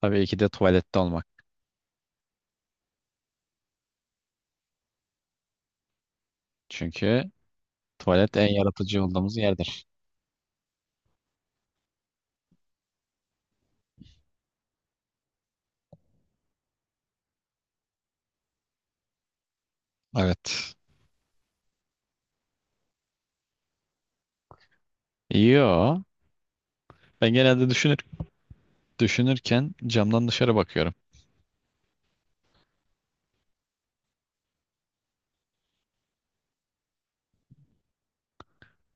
Tabii ki de tuvalette olmak. Çünkü tuvalet en yaratıcı olduğumuz yerdir. Evet. Yo. Ben genelde düşünürken camdan dışarı bakıyorum.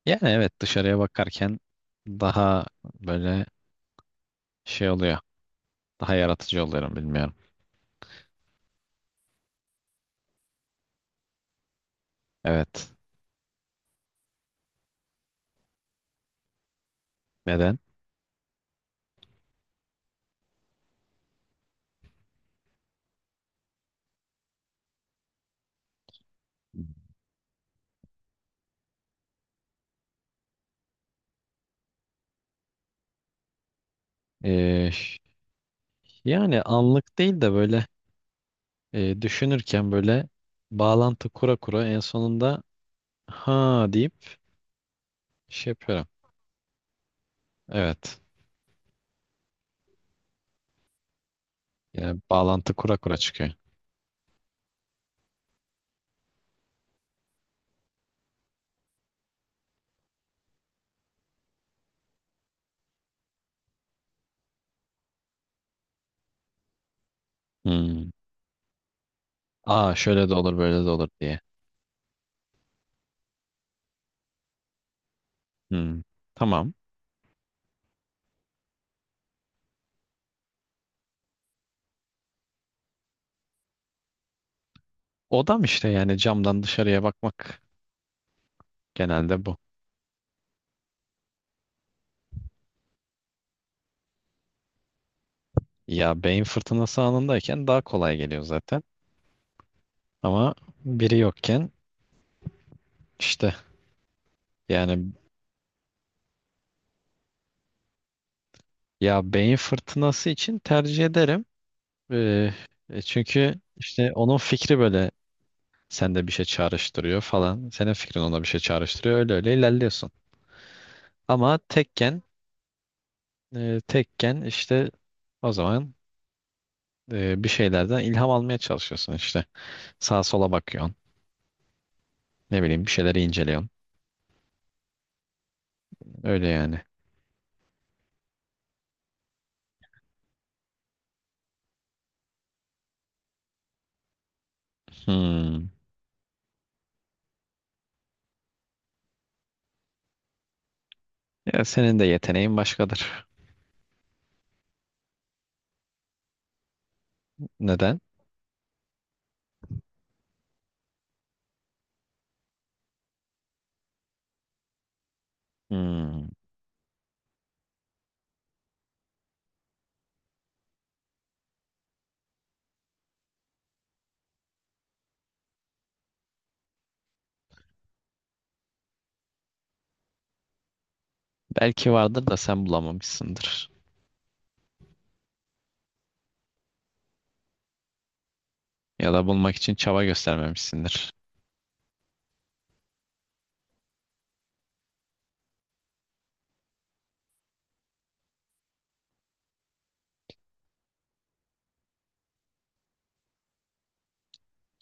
Yani evet dışarıya bakarken daha böyle şey oluyor. Daha yaratıcı oluyorum bilmiyorum. Evet. Neden? Ee, yani anlık değil de böyle düşünürken böyle bağlantı kura kura en sonunda ha deyip şey yapıyorum. Evet. Yani bağlantı kura kura çıkıyor. Hmm. Aa şöyle de olur böyle de olur diye. Hmm, tamam. Odam işte yani camdan dışarıya bakmak genelde bu. Ya beyin fırtınası anındayken daha kolay geliyor zaten. Ama biri yokken işte yani ya beyin fırtınası için tercih ederim. Ee, çünkü işte onun fikri böyle sende bir şey çağrıştırıyor falan. Senin fikrin ona bir şey çağrıştırıyor. Öyle öyle ilerliyorsun. Ama tekken işte o zaman bir şeylerden ilham almaya çalışıyorsun işte. Sağa sola bakıyorsun. Ne bileyim bir şeyleri inceliyorsun. Öyle yani. Hmm. Ya senin de yeteneğin başkadır. Neden? Hmm. Belki vardır da sen bulamamışsındır. Ya da bulmak için çaba göstermemişsindir.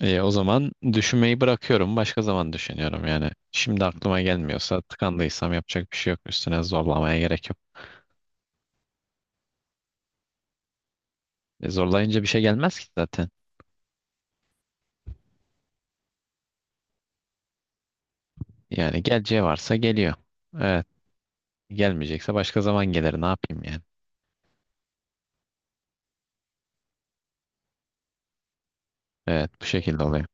E, o zaman düşünmeyi bırakıyorum. Başka zaman düşünüyorum yani. Şimdi aklıma gelmiyorsa tıkandıysam yapacak bir şey yok. Üstüne zorlamaya gerek yok. E, zorlayınca bir şey gelmez ki zaten. Yani geleceği varsa geliyor. Evet. Gelmeyecekse başka zaman gelir. Ne yapayım yani? Evet, bu şekilde oluyor.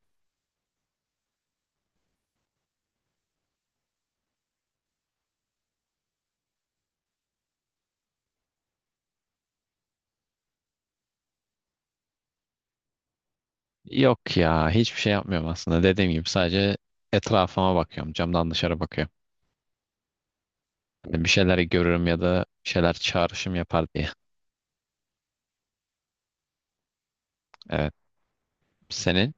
Yok ya hiçbir şey yapmıyorum aslında. Dediğim gibi sadece etrafıma bakıyorum. Camdan dışarı bakıyorum. Hani bir şeyler görürüm ya da bir şeyler çağrışım yapar diye. Evet. Senin?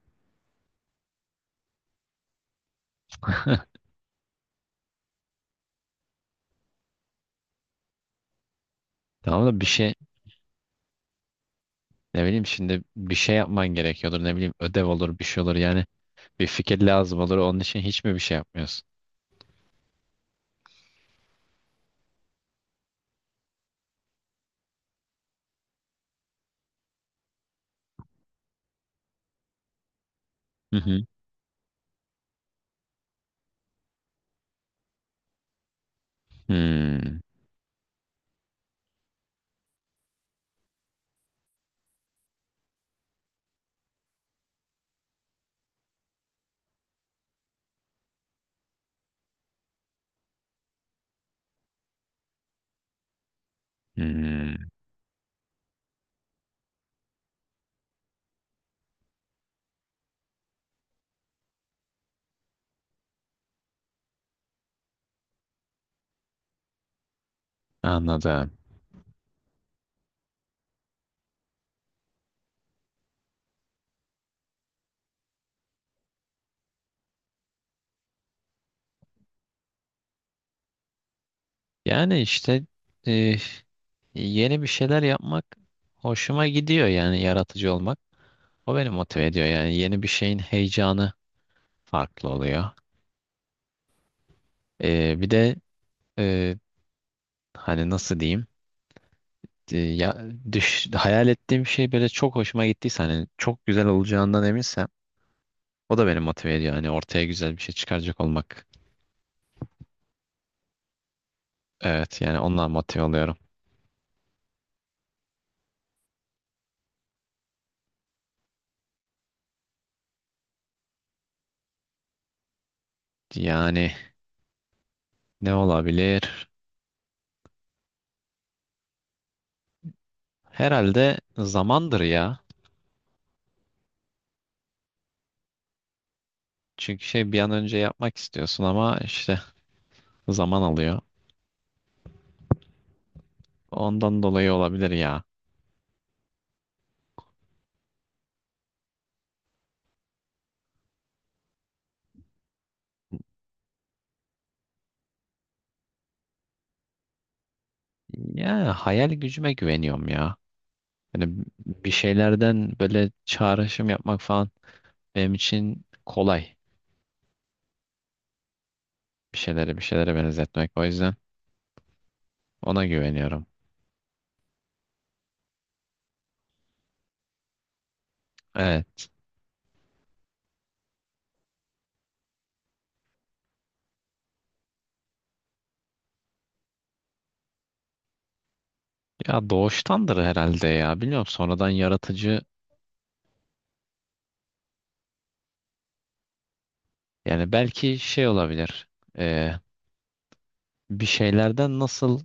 Tamam da bir şey ne bileyim şimdi bir şey yapman gerekiyordur. Ne bileyim ödev olur bir şey olur. Yani bir fikir lazım olur. Onun için hiç mi bir şey yapmıyorsun? Hı hı. Hmm, hmm, anladım. Yani işte eh, yeni bir şeyler yapmak hoşuma gidiyor yani yaratıcı olmak. O beni motive ediyor yani yeni bir şeyin heyecanı farklı oluyor. Bir de e, hani nasıl diyeyim. Ya hayal ettiğim şey böyle çok hoşuma gittiyse hani çok güzel olacağından eminsem o da beni motive ediyor. Hani ortaya güzel bir şey çıkaracak olmak. Evet yani ondan motive oluyorum. Yani ne olabilir? Herhalde zamandır ya. Çünkü şey bir an önce yapmak istiyorsun ama işte zaman alıyor. Ondan dolayı olabilir ya. Ya hayal gücüme güveniyorum ya. Yani bir şeylerden böyle çağrışım yapmak falan benim için kolay. Bir şeylere benzetmek. O yüzden ona güveniyorum. Evet. Ya doğuştandır herhalde ya. Bilmiyorum sonradan yaratıcı yani belki şey olabilir. Ee, bir şeylerden nasıl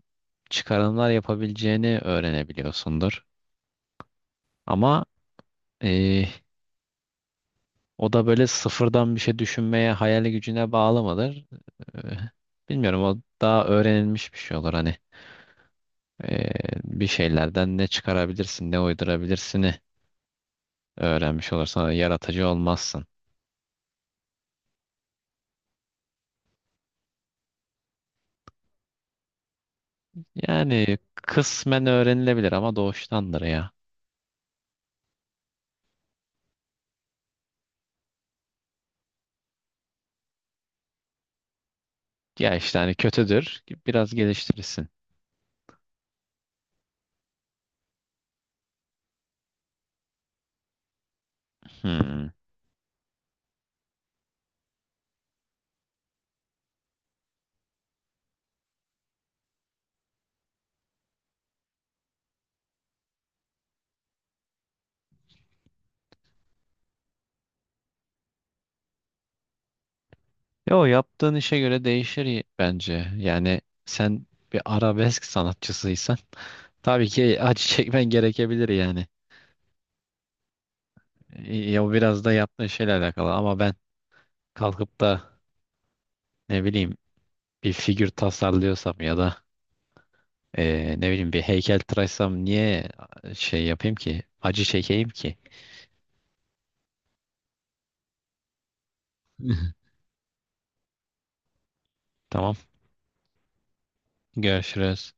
çıkarımlar yapabileceğini öğrenebiliyorsundur. Ama ee, o da böyle sıfırdan bir şey düşünmeye hayal gücüne bağlı mıdır? Ee, bilmiyorum o daha öğrenilmiş bir şey olur hani. Ee, bir şeylerden ne çıkarabilirsin, ne uydurabilirsini öğrenmiş olursan yaratıcı olmazsın. Yani kısmen öğrenilebilir ama doğuştandır ya. Ya işte hani kötüdür, biraz geliştirirsin. Hmm. Yo yaptığın işe göre değişir bence. Yani sen bir arabesk sanatçısıysan tabii ki acı çekmen gerekebilir yani. Ya o biraz da yaptığın şeyle alakalı ama ben kalkıp da ne bileyim bir figür tasarlıyorsam ya da ne bileyim bir heykel tıraşsam niye şey yapayım ki? Acı çekeyim ki. Tamam. Görüşürüz.